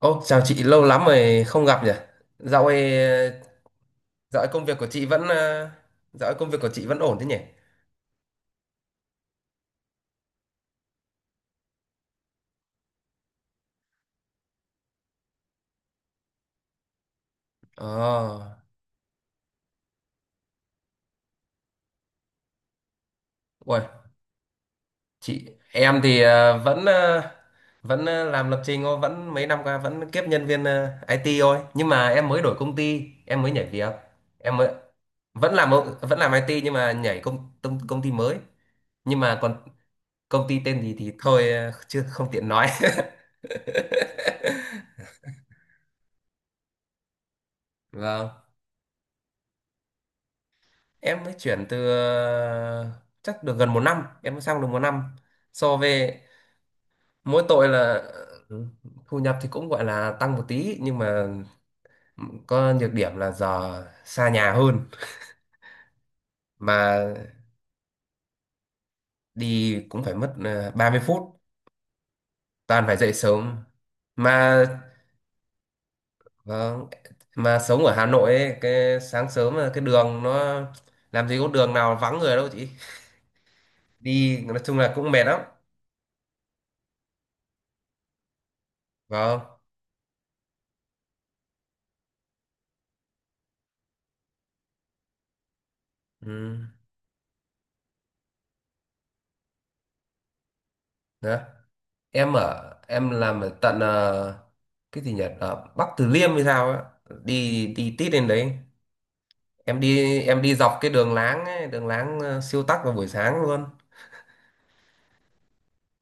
Ô, chào chị, lâu lắm rồi không gặp nhỉ? Dạo ấy, dạo ấy công việc của chị vẫn, ờ, Dạo ấy công việc của chị vẫn ổn thế nhỉ? Ờ, ui, chị, em thì làm lập trình thôi, vẫn mấy năm qua vẫn kiếp nhân viên IT thôi. Nhưng mà em mới đổi công ty, em mới nhảy việc, em mới vẫn làm ở- vẫn làm IT nhưng mà nhảy công công, công ty mới. Nhưng mà còn công ty tên gì thì thôi, ờ, chưa không tiện nói. Vâng. em mới chuyển từ ờ, Chắc được gần một năm, em mới sang được một năm. So về Mỗi tội là, ừ, thu nhập thì cũng gọi là tăng một tí, nhưng mà có nhược điểm là giờ xa nhà hơn, mà đi cũng phải mất 30 phút. Toàn phải dậy sớm mà. Vâng, mà sống ở Hà Nội ấy, cái sáng sớm là cái đường nó, làm gì có đường nào vắng người đâu chị. Đi nói chung là cũng mệt lắm. Vâng. Ừ. Đó. Em ở Em làm ở tận cái gì nhỉ, ở Bắc Từ Liêm hay sao á, đi đi tít lên đấy. Em đi dọc cái đường láng ấy, đường láng siêu tắc vào buổi sáng luôn.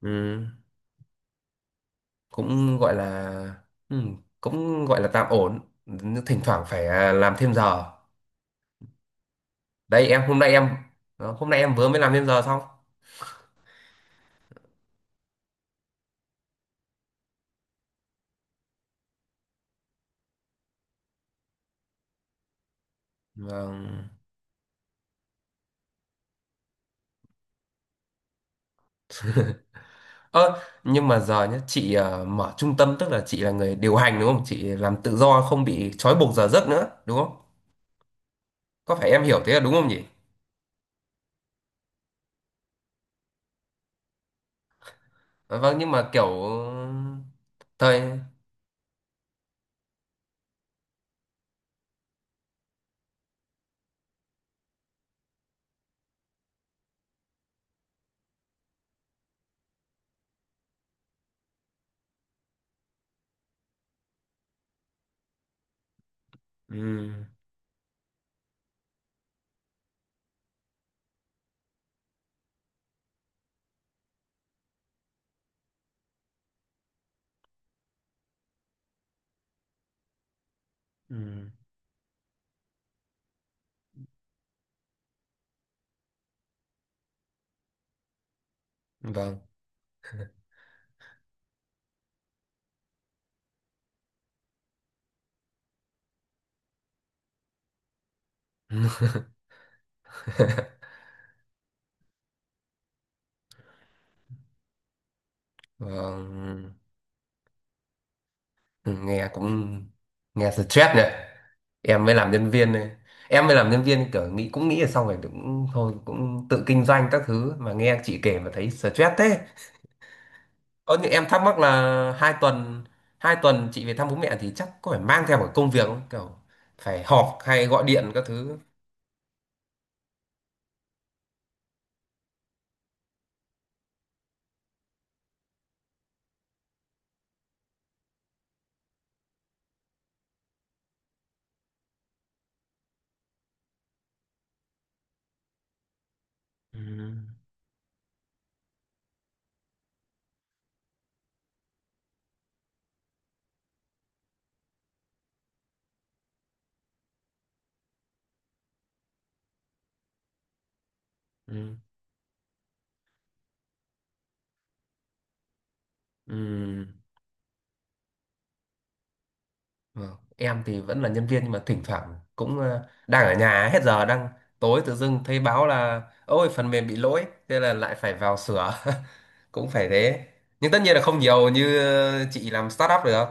Ừ. cũng gọi là ừ, cũng gọi là tạm ổn, thỉnh thoảng phải làm thêm giờ. Đây em hôm nay em ờ, Hôm nay em vừa mới làm thêm giờ xong. Vâng. Ơ, nhưng mà giờ nhá, chị mở trung tâm, tức là chị là người điều hành đúng không, chị làm tự do không bị trói buộc giờ giấc nữa đúng không, có phải em hiểu thế là đúng không nhỉ? Ờ, vâng, nhưng mà kiểu, thời ừ, ừ, vâng. Vâng. Ừ, nghe cũng, nghe stress nhỉ. Em mới làm nhân viên này, em mới làm nhân viên kiểu nghĩ cũng nghĩ là xong rồi cũng thôi cũng tự kinh doanh các thứ, mà nghe chị kể mà thấy stress thế. Ờ nhưng em thắc mắc là hai tuần, chị về thăm bố mẹ thì chắc có phải mang theo một công việc không, kiểu phải họp hay gọi điện các thứ? Ừ, ừ, ừ. Vâng. Em thì vẫn là nhân viên nhưng mà thỉnh thoảng cũng đang ở nhà hết giờ, đang tối tự dưng thấy báo là ôi phần mềm bị lỗi thế là lại phải vào sửa. Cũng phải thế, nhưng tất nhiên là không nhiều như chị làm startup được.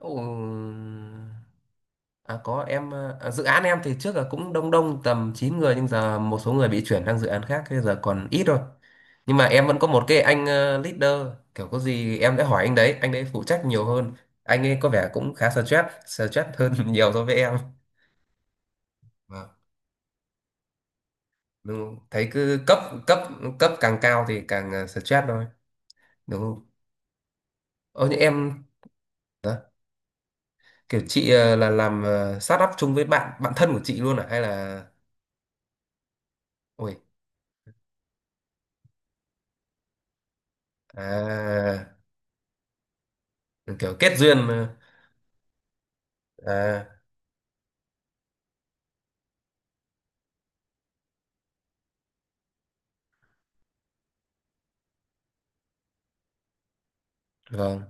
Ồ, à, có. Em dự án em thì trước là cũng đông, đông tầm 9 người nhưng giờ một số người bị chuyển sang dự án khác, thế giờ còn ít thôi. Nhưng mà em vẫn có một cái anh leader, kiểu có gì em đã hỏi anh đấy, anh đấy phụ trách nhiều hơn. Anh ấy có vẻ cũng khá stress, stress hơn nhiều so với em. Vâng, đúng không? Thấy cứ cấp cấp cấp càng cao thì càng stress thôi, đúng không? Ơ như em đó, kiểu chị là làm start up chung với bạn bạn thân của chị luôn à hay là ôi, à, kiểu kết duyên à vâng.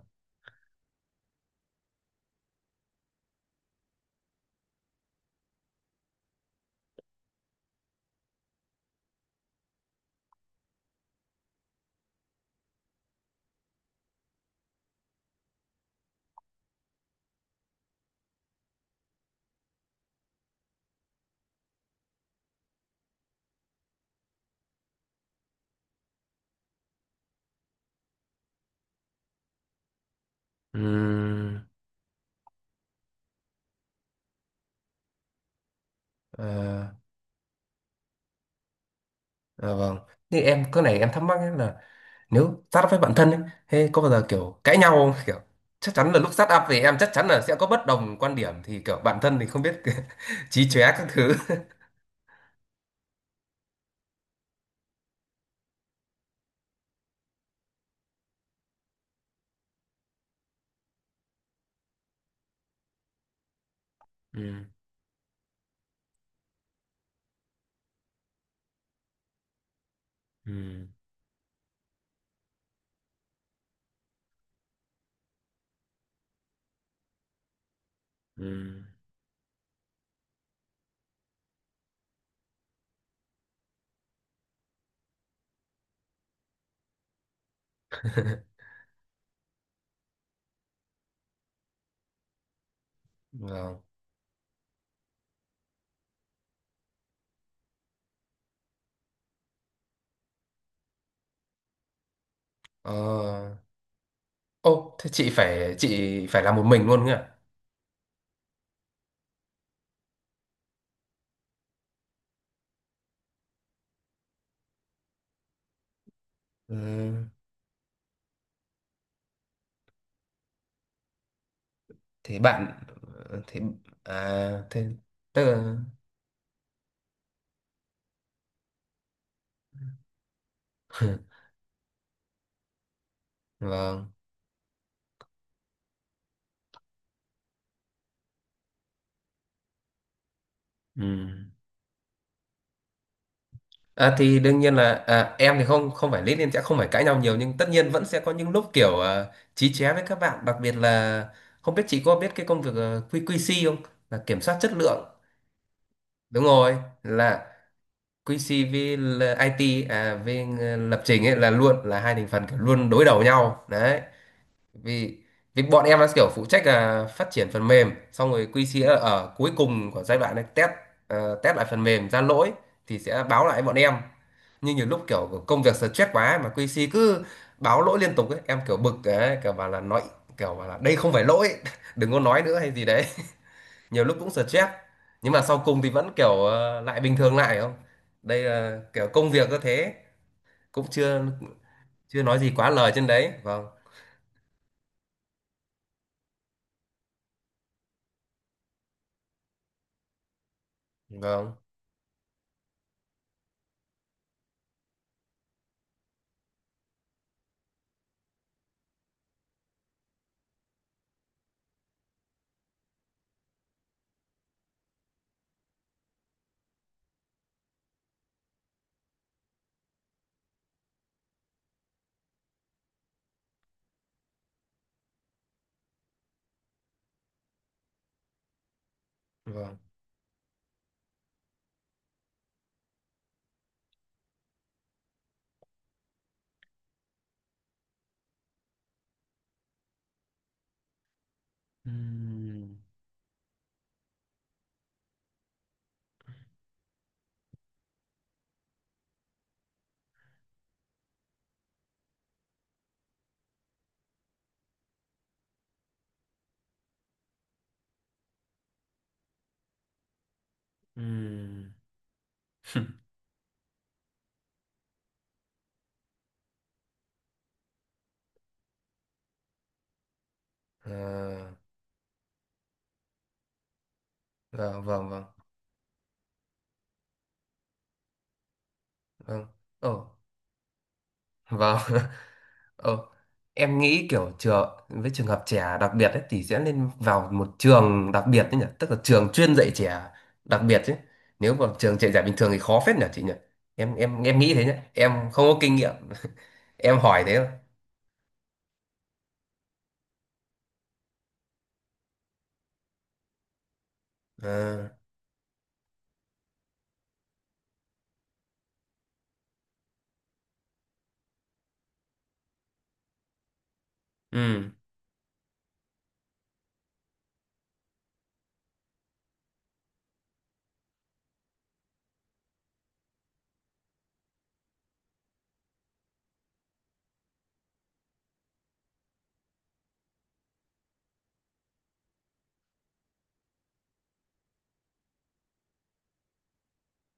Ừm, ờ, vâng. Thì em cái này em thắc mắc ấy là, nếu start up với bạn thân ấy, thế có bao giờ kiểu cãi nhau không? Kiểu chắc chắn là lúc start up thì em chắc chắn là sẽ có bất đồng quan điểm, thì kiểu bạn thân thì không biết chí chóe các thứ. Ừ. Ừ. Ừ. Vâng. Ờ. Ô, thế chị phải làm một mình luôn nhỉ? Ừ. Thế bạn thế à thế tức là vâng. Ừ. Thì đương nhiên là em thì không không phải lý nên sẽ không phải cãi nhau nhiều, nhưng tất nhiên vẫn sẽ có những lúc kiểu chí chóe với các bạn, đặc biệt là không biết chị có biết cái công việc QQC không, là kiểm soát chất lượng. Đúng rồi, là Quincy với IT lập trình ấy là luôn là hai thành phần kiểu luôn đối đầu nhau đấy. Vì Vì bọn em là kiểu phụ trách là phát triển phần mềm, xong rồi QC là ở cuối cùng của giai đoạn này, test lại phần mềm ra lỗi thì sẽ báo lại bọn em. Nhưng nhiều lúc kiểu công việc stress quá ấy, mà QC cứ báo lỗi liên tục ấy, em kiểu bực ấy, kiểu bảo là nói, kiểu bảo là đây không phải lỗi, đừng có nói nữa hay gì đấy. Nhiều lúc cũng stress, nhưng mà sau cùng thì vẫn kiểu lại bình thường lại, không. Đây là kiểu công việc có thế, cũng chưa chưa nói gì quá lời trên đấy, vâng, vâng, vâng. Ừm, ừm, ờ, vâng, vâng, vâng, vâng, ồ, vâng, ồ, em nghĩ kiểu trường, với trường hợp trẻ đặc biệt ấy thì sẽ nên vào một trường đặc biệt đấy nhỉ, tức là trường chuyên dạy trẻ đặc biệt chứ, nếu vào trường dạy trẻ bình thường thì khó phết nhỉ chị nhỉ, em nghĩ thế nhé, em không có kinh nghiệm, em hỏi thế mà. Ờ, ừ,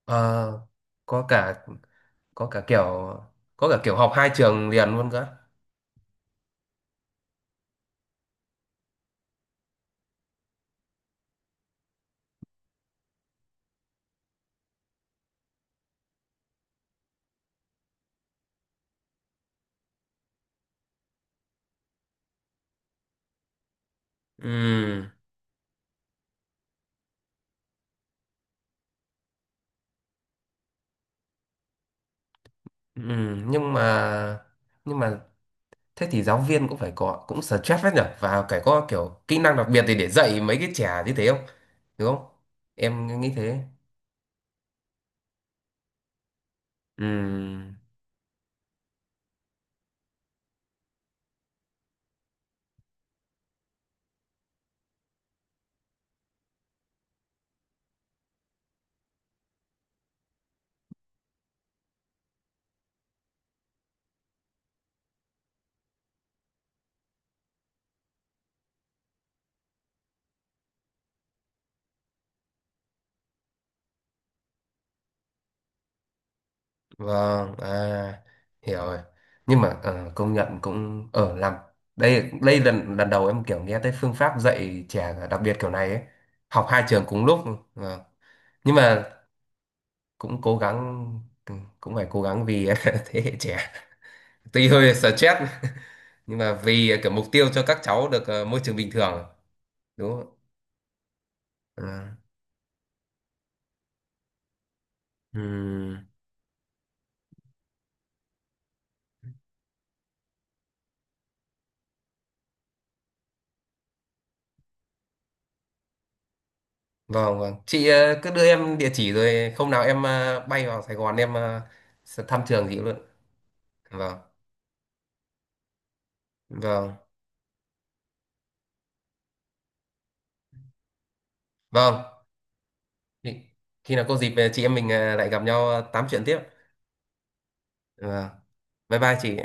ờ, có cả có cả kiểu có cả kiểu học hai trường liền luôn cơ. Ừ. Ừ, nhưng mà nhưng mà thế thì giáo viên cũng phải có, cũng stress hết nhở, và phải có kiểu kỹ năng đặc biệt để dạy mấy cái trẻ như thế không, đúng không? Em nghĩ thế. Ừ. Vâng, à, hiểu rồi. Nhưng mà công nhận cũng ở làm, đây đây lần lần đầu em kiểu nghe tới phương pháp dạy trẻ đặc biệt kiểu này ấy. Học hai trường cùng lúc. Vâng. Nhưng mà cũng cố gắng, ừ, cũng phải cố gắng vì thế hệ trẻ. Tuy hơi stress nhưng mà vì kiểu mục tiêu cho các cháu được môi trường bình thường, đúng không? Ạ? Ừ. Ừm. Vâng, vâng. Chị cứ đưa em địa chỉ rồi hôm nào em bay vào Sài Gòn em sẽ thăm trường chị luôn. Vâng. Vâng. Vâng, khi khi nào có dịp chị em mình, à, lại gặp nhau, à, tám chuyện tiếp. Vâng. Bye bye chị.